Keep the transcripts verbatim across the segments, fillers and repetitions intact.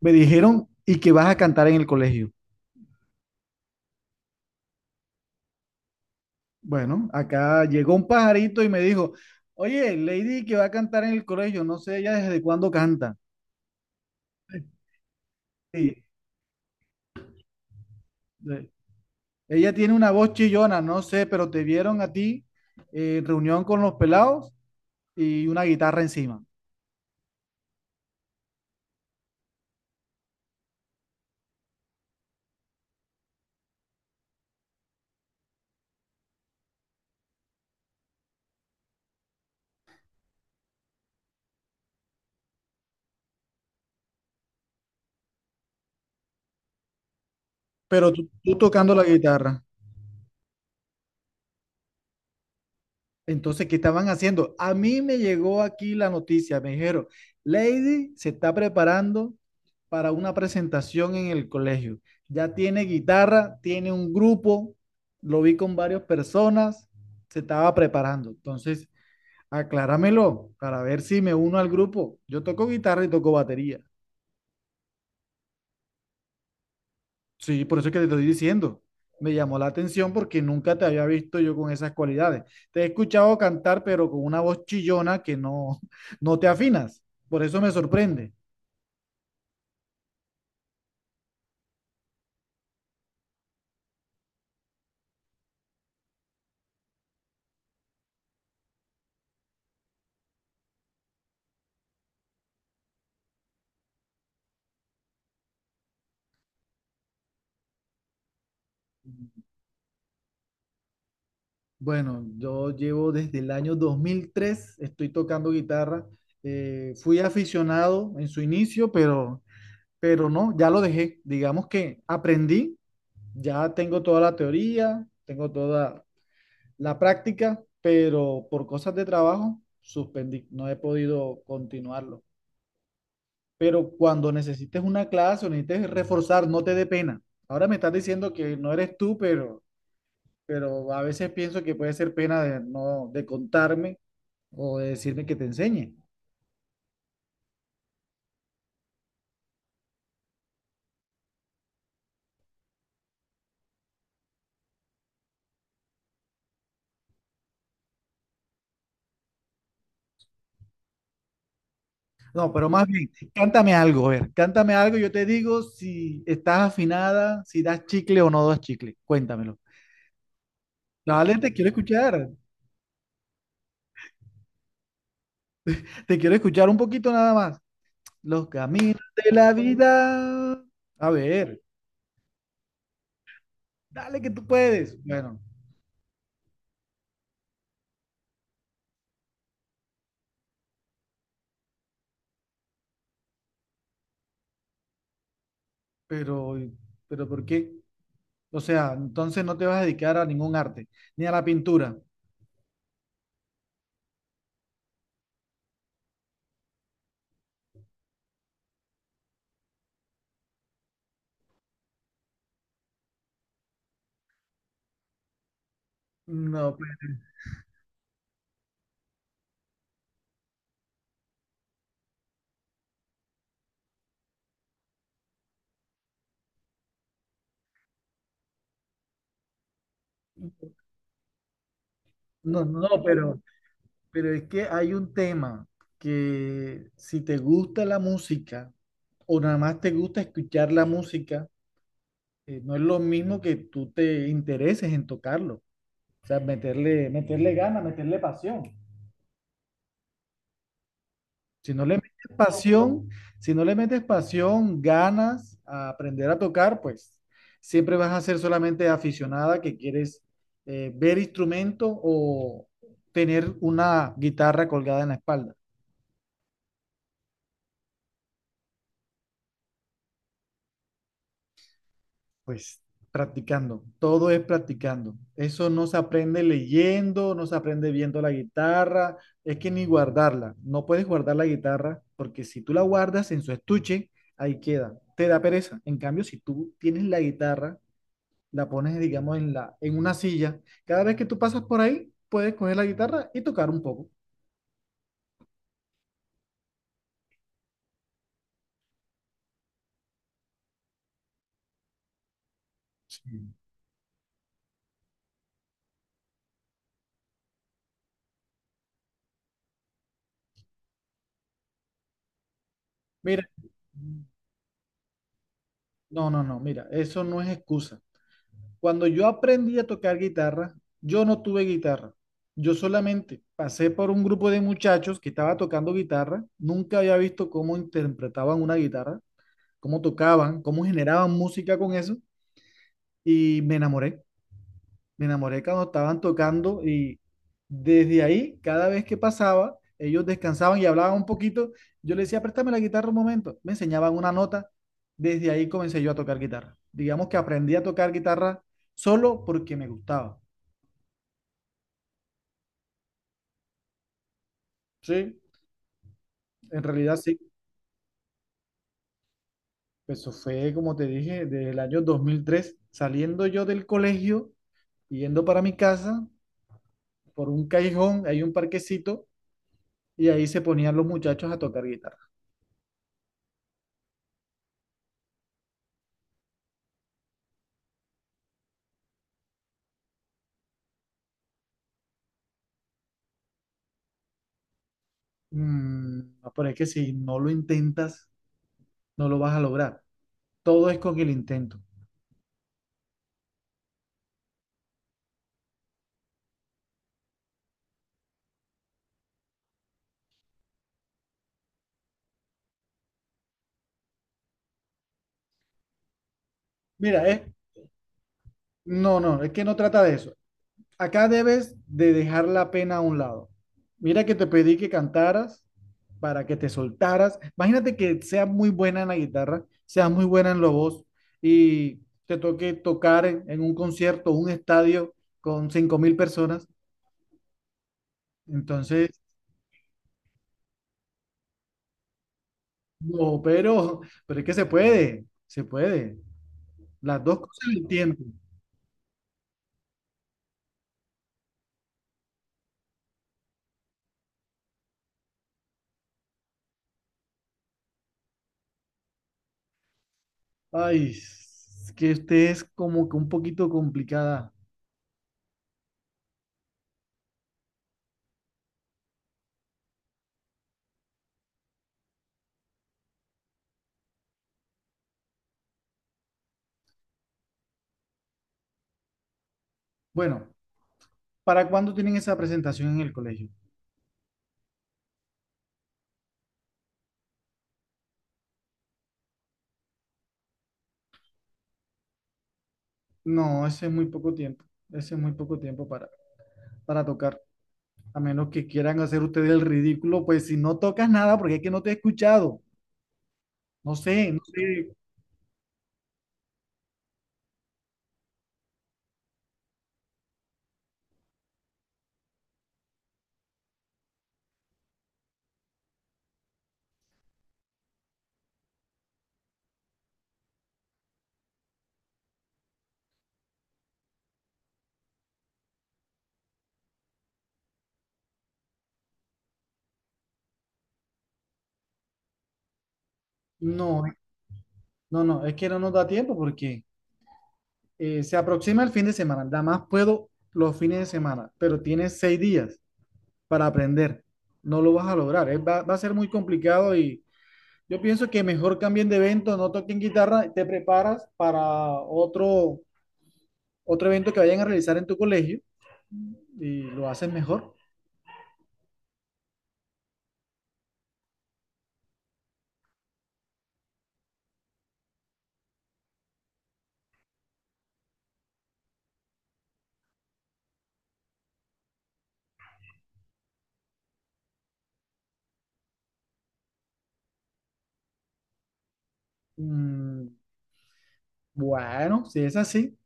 Me dijeron, ¿y que vas a cantar en el colegio? Bueno, acá llegó un pajarito y me dijo, oye, Lady que va a cantar en el colegio, no sé ella desde cuándo canta. Sí, sí. Ella tiene una voz chillona, no sé, pero te vieron a ti eh, reunión con los pelados y una guitarra encima, pero tú, tú tocando la guitarra. Entonces, ¿qué estaban haciendo? A mí me llegó aquí la noticia, me dijeron, Lady se está preparando para una presentación en el colegio. Ya tiene guitarra, tiene un grupo, lo vi con varias personas, se estaba preparando. Entonces, acláramelo para ver si me uno al grupo. Yo toco guitarra y toco batería. Sí, por eso es que te estoy diciendo. Me llamó la atención porque nunca te había visto yo con esas cualidades. Te he escuchado cantar, pero con una voz chillona que no, no te afinas. Por eso me sorprende. Bueno, yo llevo desde el año dos mil tres. Estoy tocando guitarra. Eh, fui aficionado en su inicio, pero, pero no, ya lo dejé. Digamos que aprendí, ya tengo toda la teoría, tengo toda, la práctica, pero por cosas de trabajo suspendí, no he podido continuarlo. Pero cuando necesites una clase o necesites reforzar, no te dé pena. Ahora me estás diciendo que no eres tú, pero, pero a veces pienso que puede ser pena de no de contarme o de decirme que te enseñe. No, pero más bien, cántame algo, a ver, cántame algo, yo te digo si estás afinada, si das chicle o no das chicle. Cuéntamelo. Dale, te quiero escuchar, te quiero escuchar un poquito nada más. Los caminos de la vida. A ver, dale que tú puedes. Bueno, pero, pero ¿por qué? O sea, entonces no te vas a dedicar a ningún arte, ni a la pintura. No, pues, no, no, no, pero, pero es que hay un tema que si te gusta la música o nada más te gusta escuchar la música, eh, no es lo mismo que tú te intereses en tocarlo. O sea, meterle, meterle ganas, meterle pasión. Si no le metes pasión, si no le metes pasión, ganas a aprender a tocar, pues siempre vas a ser solamente aficionada que quieres eh, ver instrumento o tener una guitarra colgada en la espalda. Pues practicando, todo es practicando. Eso no se aprende leyendo, no se aprende viendo la guitarra, es que ni guardarla. No puedes guardar la guitarra porque si tú la guardas en su estuche, ahí queda. Te da pereza. En cambio, si tú tienes la guitarra, la pones, digamos, en la, en una silla. Cada vez que tú pasas por ahí, puedes coger la guitarra y tocar un poco. Sí. Mira, no, no, no, mira, eso no es excusa. Cuando yo aprendí a tocar guitarra, yo no tuve guitarra. Yo solamente pasé por un grupo de muchachos que estaba tocando guitarra. Nunca había visto cómo interpretaban una guitarra, cómo tocaban, cómo generaban música con eso y me enamoré. Me enamoré cuando estaban tocando y desde ahí, cada vez que pasaba, ellos descansaban y hablaban un poquito. Yo le decía, préstame la guitarra un momento. Me enseñaban una nota. Desde ahí comencé yo a tocar guitarra. Digamos que aprendí a tocar guitarra solo porque me gustaba. Sí, en realidad sí. Pues eso fue, como te dije, desde el año dos mil tres, saliendo yo del colegio, yendo para mi casa, por un callejón, hay un parquecito, y ahí se ponían los muchachos a tocar guitarra. Mm, no, pero que si no lo intentas, no lo vas a lograr. Todo es con el intento. Mira, es, no, no, es que no trata de eso. Acá debes de dejar la pena a un lado. Mira que te pedí que cantaras para que te soltaras. Imagínate que seas muy buena en la guitarra, seas muy buena en la voz y te toque tocar en, en un concierto, un estadio con cinco mil personas. Entonces, no, pero, pero es que se puede, se puede. Las dos cosas al tiempo. Ay, es que este es como que un poquito complicada. Bueno, ¿para cuándo tienen esa presentación en el colegio? No, ese es muy poco tiempo. Ese es muy poco tiempo para, para tocar. A menos que quieran hacer ustedes el ridículo, pues si no tocas nada, porque es que no te he escuchado. No sé, no sé. No, no, no, es que no nos da tiempo porque eh, se aproxima el fin de semana. Nada más puedo los fines de semana, pero tienes seis días para aprender. No lo vas a lograr. eh, va va a ser muy complicado y yo pienso que mejor cambien de evento, no toquen guitarra, te preparas para otro, otro evento que vayan a realizar en tu colegio y lo hacen mejor. Mm, bueno, si es así.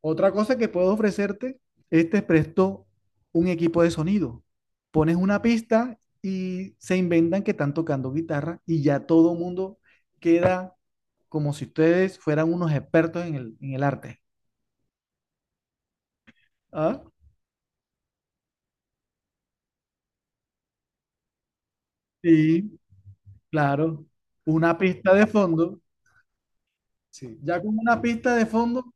Otra cosa que puedo ofrecerte es te presto un equipo de sonido. Pones una pista y se inventan que están tocando guitarra y ya todo el mundo queda como si ustedes fueran unos expertos en el, en el arte. ¿Ah? Sí, claro. Una pista de fondo. Sí, ya con una pista de fondo,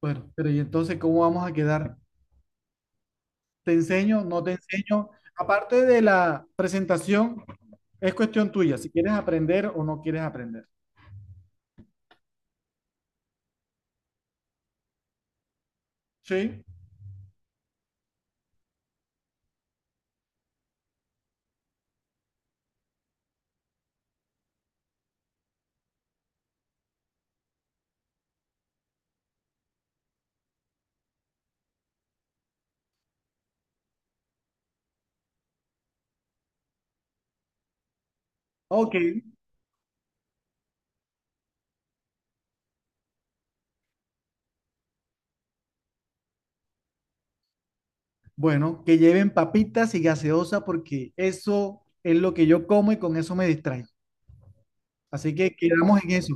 bueno, ¿pero y entonces cómo vamos a quedar? ¿Te enseño? ¿No te enseño? Aparte de la presentación, es cuestión tuya, si quieres aprender o no quieres aprender. Sí. Ok, bueno, que lleven papitas y gaseosa porque eso es lo que yo como y con eso me distraigo. Así que quedamos en eso,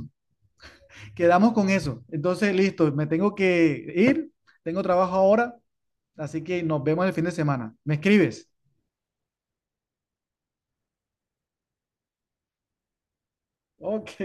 quedamos con eso. Entonces, listo, me tengo que ir, tengo trabajo ahora, así que nos vemos el fin de semana. ¿Me escribes? Ok.